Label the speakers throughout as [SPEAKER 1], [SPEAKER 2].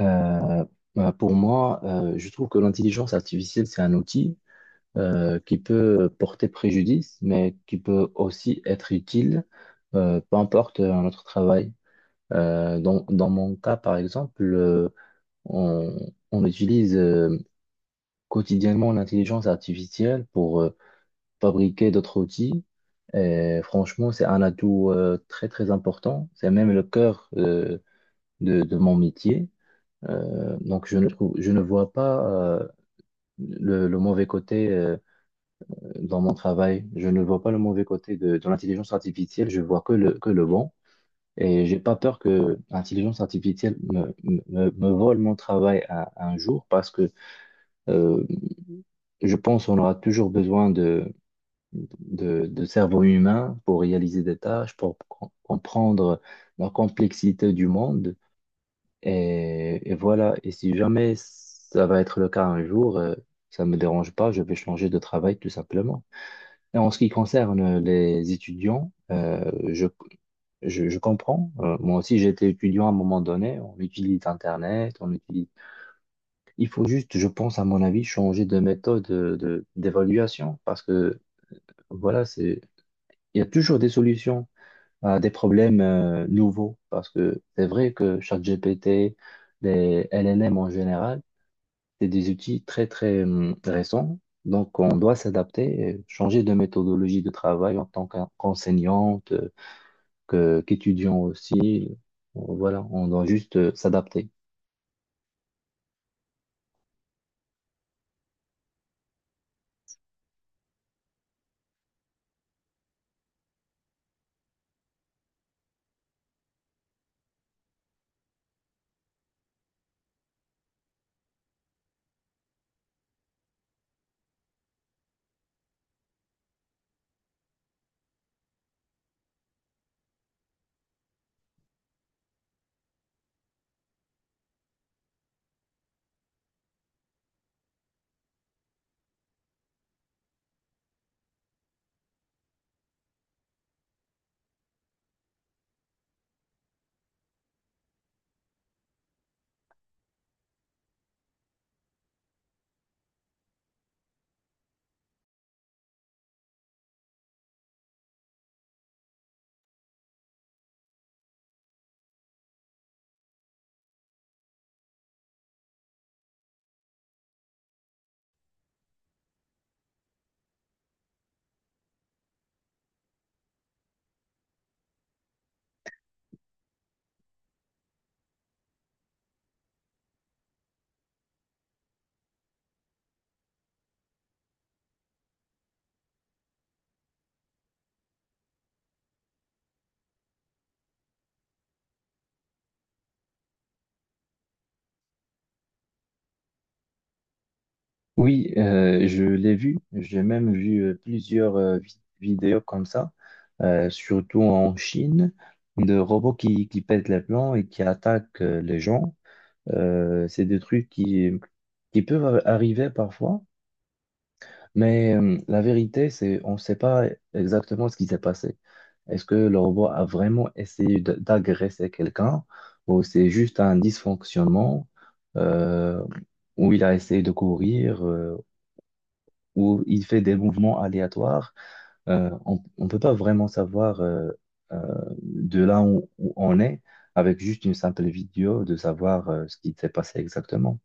[SPEAKER 1] Euh, pour moi, je trouve que l'intelligence artificielle, c'est un outil qui peut porter préjudice, mais qui peut aussi être utile, peu importe notre travail. Dans mon cas, par exemple, on, on utilise quotidiennement l'intelligence artificielle pour fabriquer d'autres outils. Et franchement, c'est un atout très, très important. C'est même le cœur de mon métier. Donc je ne vois pas le mauvais côté dans mon travail. Je ne vois pas le mauvais côté de l'intelligence artificielle. Je vois que le bon. Et j'ai pas peur que l'intelligence artificielle me vole mon travail un jour parce que euh, je pense qu'on aura toujours besoin de cerveau humain pour réaliser des tâches, pour comprendre la complexité du monde. Et voilà, et si jamais ça va être le cas un jour, ça me dérange pas, je vais changer de travail tout simplement. Et en ce qui concerne les étudiants, je comprends. Moi aussi, j'étais étudiant à un moment donné, on utilise Internet, on utilise... Il faut juste, je pense, à mon avis, changer de méthode d'évaluation parce que, voilà, c'est... Il y a toujours des solutions à des problèmes nouveaux parce que c'est vrai que ChatGPT, les LLM en général, c'est des outils très, très récents. Donc, on doit s'adapter, changer de méthodologie de travail en tant qu'enseignante, qu'étudiant aussi. Voilà, on doit juste s'adapter. Oui, je l'ai vu. J'ai même vu plusieurs vidéos comme ça, surtout en Chine, de robots qui pètent les plans et qui attaquent les gens. C'est des trucs qui peuvent arriver parfois. Mais la vérité, c'est on ne sait pas exactement ce qui s'est passé. Est-ce que le robot a vraiment essayé d'agresser quelqu'un ou c'est juste un dysfonctionnement euh, où il a essayé de courir où il fait des mouvements aléatoires, on ne peut pas vraiment savoir euh, de là où, où on est avec juste une simple vidéo de savoir ce qui s'est passé exactement.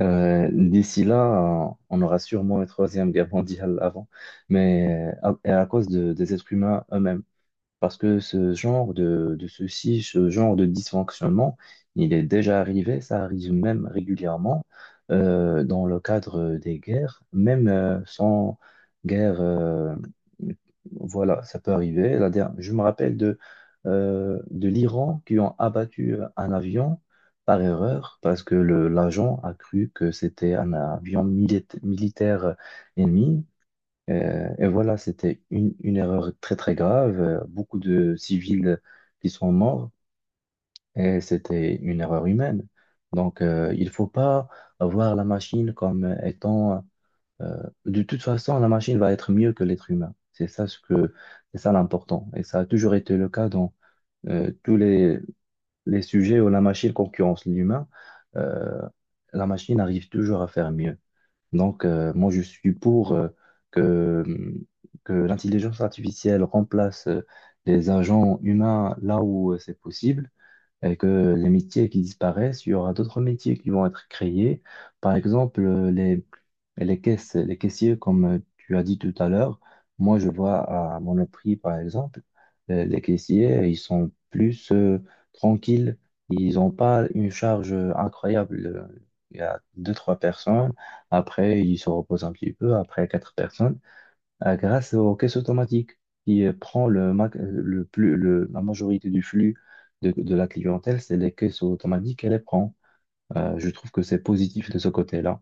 [SPEAKER 1] D'ici là, on aura sûrement une troisième guerre mondiale avant, mais et à cause des êtres humains eux-mêmes. Parce que ce genre de souci, ce genre de dysfonctionnement, il est déjà arrivé, ça arrive même régulièrement dans le cadre des guerres, même sans guerre, voilà, ça peut arriver. Je me rappelle de l'Iran qui ont abattu un avion par erreur parce que l'agent a cru que c'était un avion militaire ennemi. Et voilà, c'était une erreur très très grave. Beaucoup de civils qui sont morts et c'était une erreur humaine. Donc, il faut pas voir la machine comme étant... de toute façon, la machine va être mieux que l'être humain. C'est ça l'important. Et ça a toujours été le cas dans euh, tous les, les sujets où la machine concurrence l'humain. Euh, la machine arrive toujours à faire mieux. Donc, moi, je suis pour que, que l'intelligence artificielle remplace les agents humains là où c'est possible avec les métiers qui disparaissent, il y aura d'autres métiers qui vont être créés. Par exemple, les caisses, les caissiers, comme tu as dit tout à l'heure, moi je vois à Monoprix, par exemple, les caissiers, ils sont plus tranquilles, ils n'ont pas une charge incroyable. Il y a deux, trois personnes, après ils se reposent un petit peu, après quatre personnes grâce aux caisses automatiques qui prend le, ma- le plus, le- la majorité du flux de la clientèle, c'est les caisses automatiques qu'elle les prend. Je trouve que c'est positif de ce côté-là.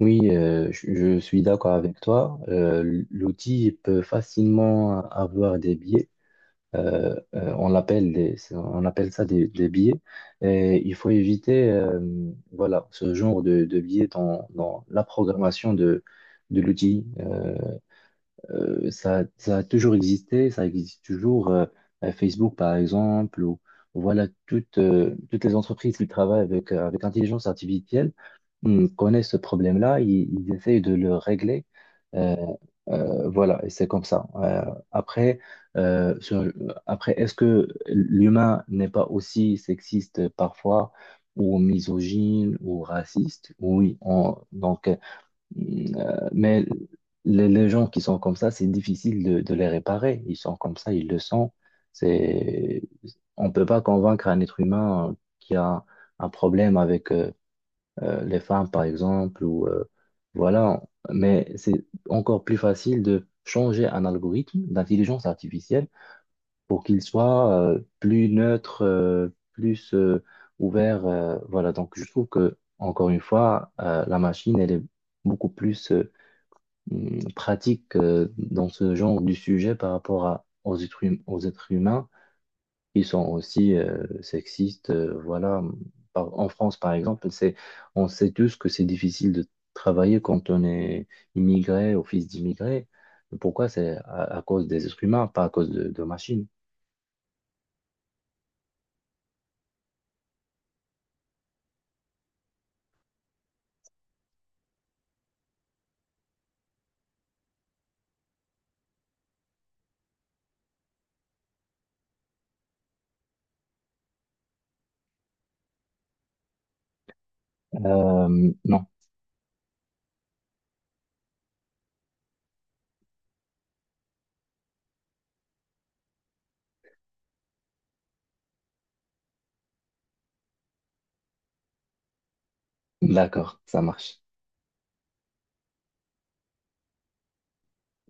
[SPEAKER 1] Oui, je suis d'accord avec toi. L'outil peut facilement avoir des biais. On appelle ça des biais. Et il faut éviter voilà, ce genre de biais dans la programmation de l'outil. Ça a toujours existé, ça existe toujours. À Facebook, par exemple, ou voilà, toutes, toutes les entreprises qui travaillent avec, avec l'intelligence artificielle connaissent ce problème-là, ils essayent de le régler. Euh, voilà, et c'est comme ça. Après, euh, sur- Après, est-ce que l'humain n'est pas aussi sexiste parfois, ou misogyne, ou raciste? Oui, donc Mm, mais les gens qui sont comme ça, c'est difficile de les réparer. Ils sont comme ça, ils le sont. C'est, on peut pas convaincre un être humain qui a un problème avec les femmes, par exemple, ou voilà. Mais c'est encore plus facile de changer un algorithme d'intelligence artificielle pour qu'il soit plus neutre, plus ouvert. Voilà. Donc, je trouve que encore une fois, la machine, elle est beaucoup plus pratique dans ce genre du sujet par rapport à, aux êtres humains qui sont aussi sexistes. Voilà. En France, par exemple, c'est, on sait tous que c'est difficile de travailler quand on est immigré ou fils d'immigré. Pourquoi? C'est à cause des êtres humains, pas à cause de machines. Non, d'accord, ça marche.